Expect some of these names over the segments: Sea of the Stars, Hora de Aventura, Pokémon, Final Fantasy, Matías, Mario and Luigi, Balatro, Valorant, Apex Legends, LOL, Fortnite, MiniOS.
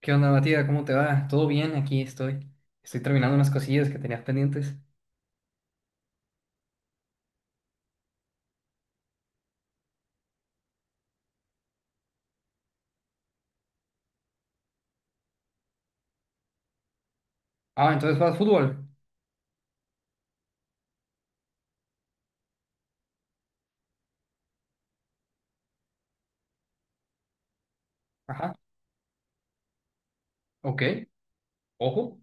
¿Qué onda, Matías? ¿Cómo te va? ¿Todo bien? Aquí estoy. Estoy terminando unas cosillas que tenías pendientes. Ah, entonces juegas fútbol. Ajá. Ok. Ojo.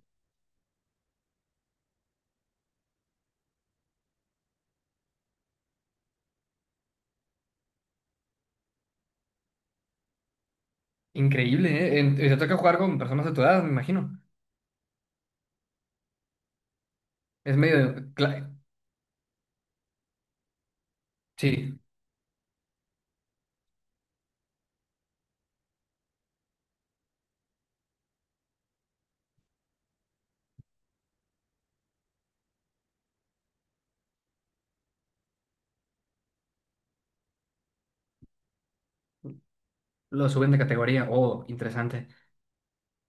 Increíble, ¿eh? Te toca jugar con personas de tu edad, me imagino. Es medio... cla- Sí, lo suben de categoría. Oh, interesante.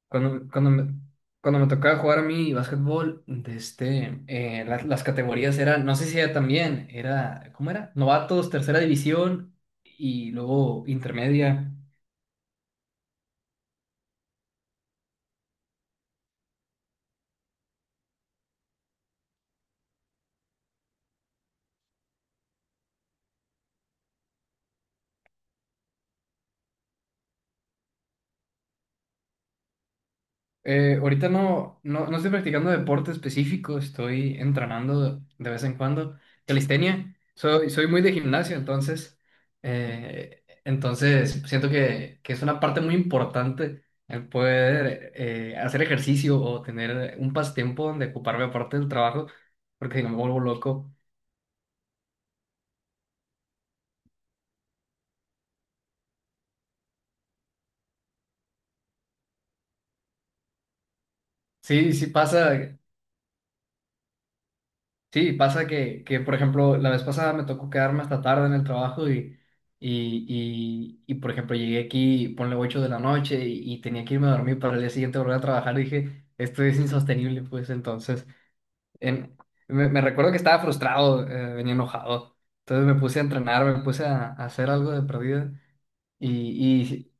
Cuando, cuando me, Cuando me tocaba jugar a mí básquetbol, las categorías eran... No sé si era también. Era... ¿Cómo era? Novatos, tercera división y luego intermedia. Ahorita no, no, no estoy practicando deporte específico, estoy entrenando de vez en cuando calistenia. Soy muy de gimnasio, entonces, entonces siento que es una parte muy importante el poder hacer ejercicio o tener un pasatiempo donde ocuparme aparte del trabajo, porque si no me vuelvo loco. Sí, sí pasa. Sí, pasa que, por ejemplo, la vez pasada me tocó quedarme hasta tarde en el trabajo y por ejemplo, llegué aquí, ponle 8 de la noche y tenía que irme a dormir para el día siguiente volver a trabajar y dije, esto es insostenible, pues entonces, en- me recuerdo que estaba frustrado, venía enojado, entonces me puse a entrenar, me puse a hacer algo de perdida y, y,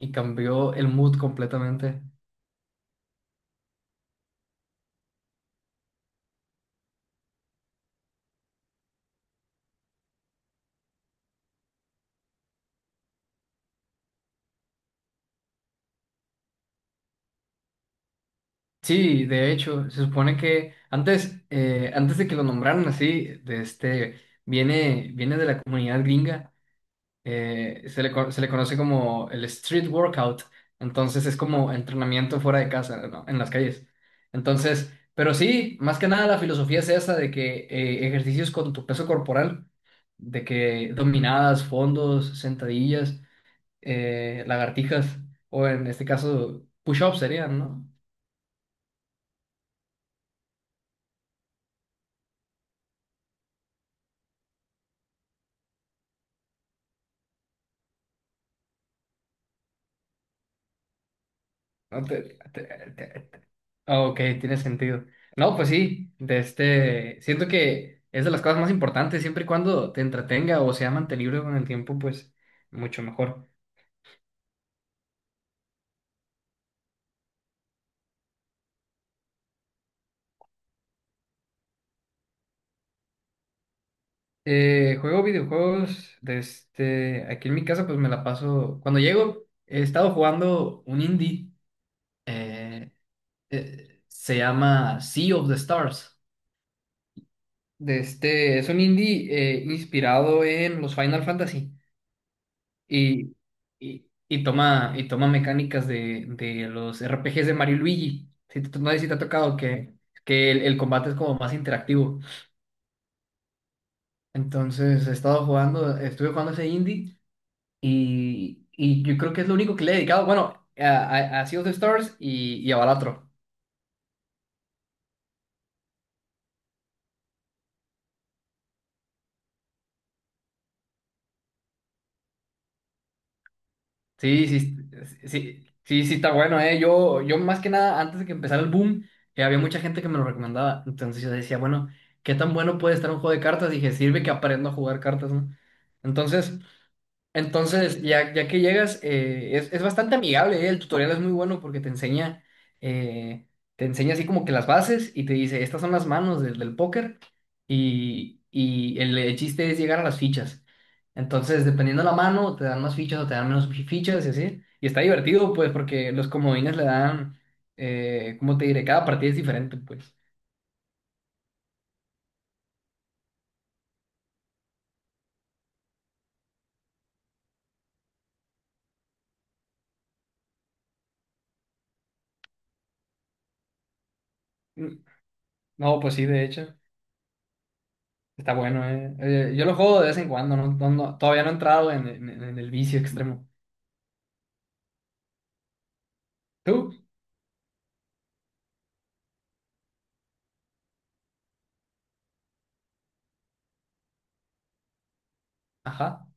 y cambió el mood completamente. Sí, de hecho, se supone que antes, antes de que lo nombraran así, viene de la comunidad gringa, se le conoce como el street workout, entonces es como entrenamiento fuera de casa, ¿no? En las calles. Entonces, pero sí, más que nada la filosofía es esa de que ejercicios con tu peso corporal, de que dominadas, fondos, sentadillas, lagartijas, o en este caso, push-ups serían, ¿no? No, te- te- te- Ah, ok, tiene sentido. No, pues sí, siento que es de las cosas más importantes, siempre y cuando te entretenga o sea mantenible con el tiempo, pues mucho mejor. Juego videojuegos, aquí en mi casa pues me la paso, cuando llego he estado jugando un indie. eh, Se llama Sea of the Stars, es un indie inspirado en los Final Fantasy. Y, y toma mecánicas de los RPGs de Mario y Luigi. No sé si te ha tocado que el combate es como más interactivo. Entonces he estado jugando, estuve jugando ese indie y yo creo que es lo único que le he dedicado. Bueno, a Sea of the Stars y a Balatro. Sí, sí, sí está bueno, ¿eh? Yo más que nada, antes de que empezara el boom, había mucha gente que me lo recomendaba. Entonces yo decía, bueno, ¿qué tan bueno puede estar un juego de cartas? Dije, sirve que aprendo a jugar cartas, ¿no? Entonces, entonces, ya que llegas, es bastante amigable. El tutorial es muy bueno porque eh, te enseña así como que las bases y te dice, estas son las manos del, del póker y el chiste es llegar a las fichas. Entonces, dependiendo de la mano, te dan más fichas o te dan menos fichas y así. Y está divertido, pues, porque los comodines le dan, ¿cómo te diré? Cada partida es diferente, pues. Mm, No, pues sí, de hecho, está bueno, eh. Yo lo juego de vez en cuando, todavía no he entrado en el vicio extremo. ¿Tú? Ajá.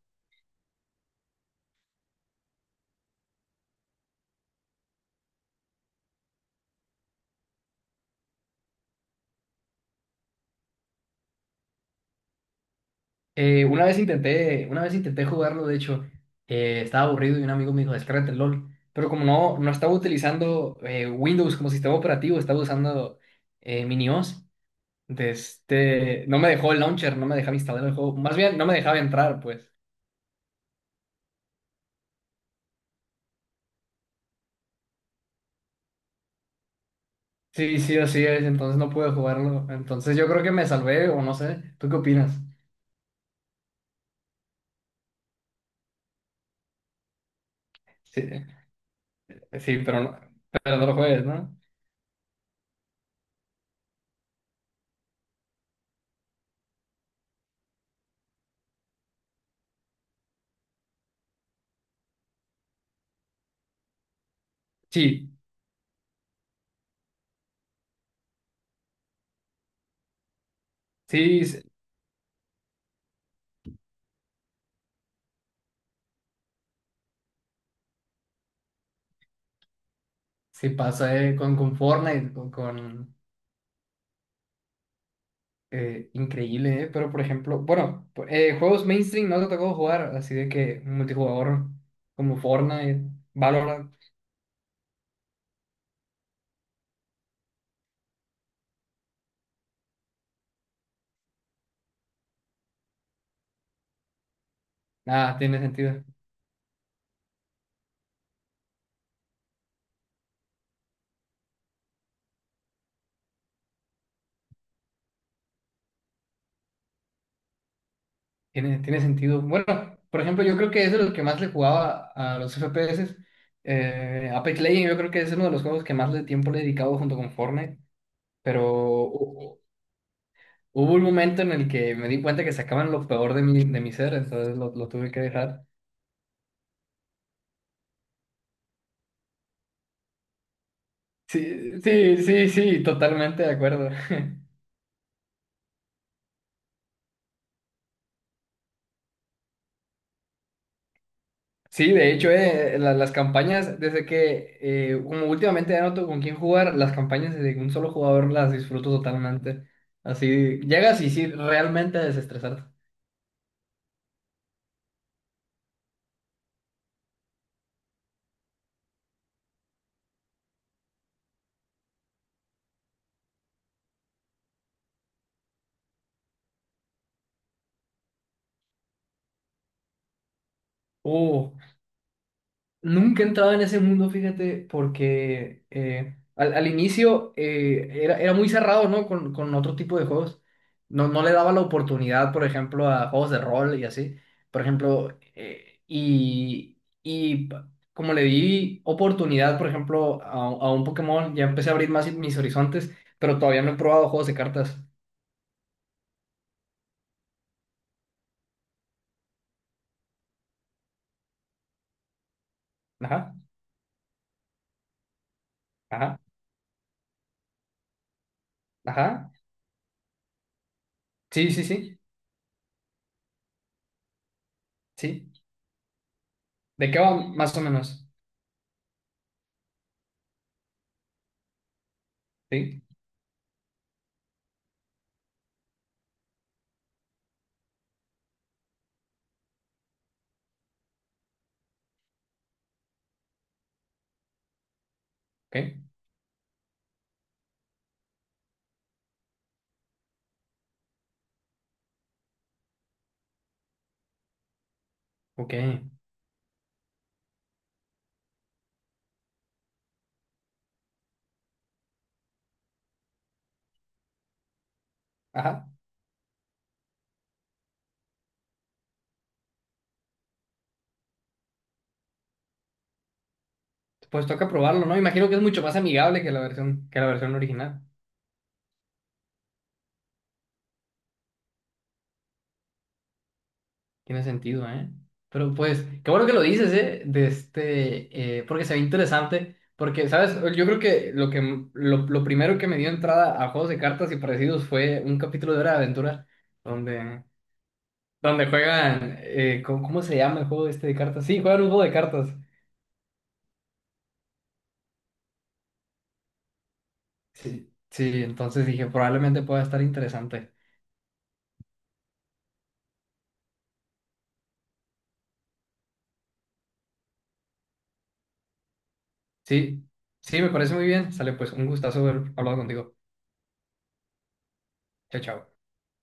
Una vez intenté jugarlo, de hecho, estaba aburrido y un amigo me dijo, descárgate el LOL. Pero como no, no estaba utilizando Windows como sistema operativo, estaba usando MiniOS. No me dejó el launcher, no me dejaba instalar el juego. Más bien, no me dejaba entrar, pues. Sí, sí, así es, entonces no pude jugarlo. Entonces yo creo que me salvé, o no sé. ¿Tú qué opinas? Sí, sí, pero no lo juegues, ¿no? Sí, sí, sí, sí pasa, con Fortnite, con Increíble, ¿eh? Pero por ejemplo, bueno, juegos mainstream no te tocó jugar, así de que multijugador como Fortnite, Valorant, nada, tiene sentido. Tiene sentido. Bueno, por ejemplo, yo creo que es de los que más le jugaba a los FPS. Apex Legends, yo creo que es uno de los juegos que más de tiempo le he dedicado junto con Fortnite, pero hu- hubo un momento en el que me di cuenta que sacaban lo peor de mi ser, entonces lo tuve que dejar. Sí, sí, sí, sí, totalmente de acuerdo. Sí, de hecho, las campañas, desde que como últimamente ya no tengo con quién jugar, las campañas de un solo jugador las disfruto totalmente. Así llegas y sí, realmente a desestresarte. Uh. Nunca he entrado en ese mundo, fíjate, porque al inicio era muy cerrado, ¿no? Con otro tipo de juegos. No, no le daba la oportunidad, por ejemplo, a juegos de rol y así. Por ejemplo, como le di oportunidad, por ejemplo, a un Pokémon, ya empecé a abrir más mis horizontes, pero todavía no he probado juegos de cartas. Ajá, ajá, ajá. Sí, sí, sí, sí. ¿De qué va más o menos? Sí, ok, ok. Ajá. Pues toca probarlo, ¿no? Imagino que es mucho más amigable que la versión original. Tiene sentido, ¿eh? Pero pues, qué bueno que lo dices, ¿eh? Porque se ve interesante. Porque, ¿sabes? Yo creo que lo primero que me dio entrada a juegos de cartas y parecidos fue un capítulo de Hora de Aventura donde, donde juegan, ¿cómo, cómo se llama el juego este de cartas? Sí, juegan un juego de cartas. Sí, sí, entonces dije, probablemente pueda estar interesante. Sí, sí, me parece muy bien. Sale pues, un gustazo haber hablado contigo. Chao, chao.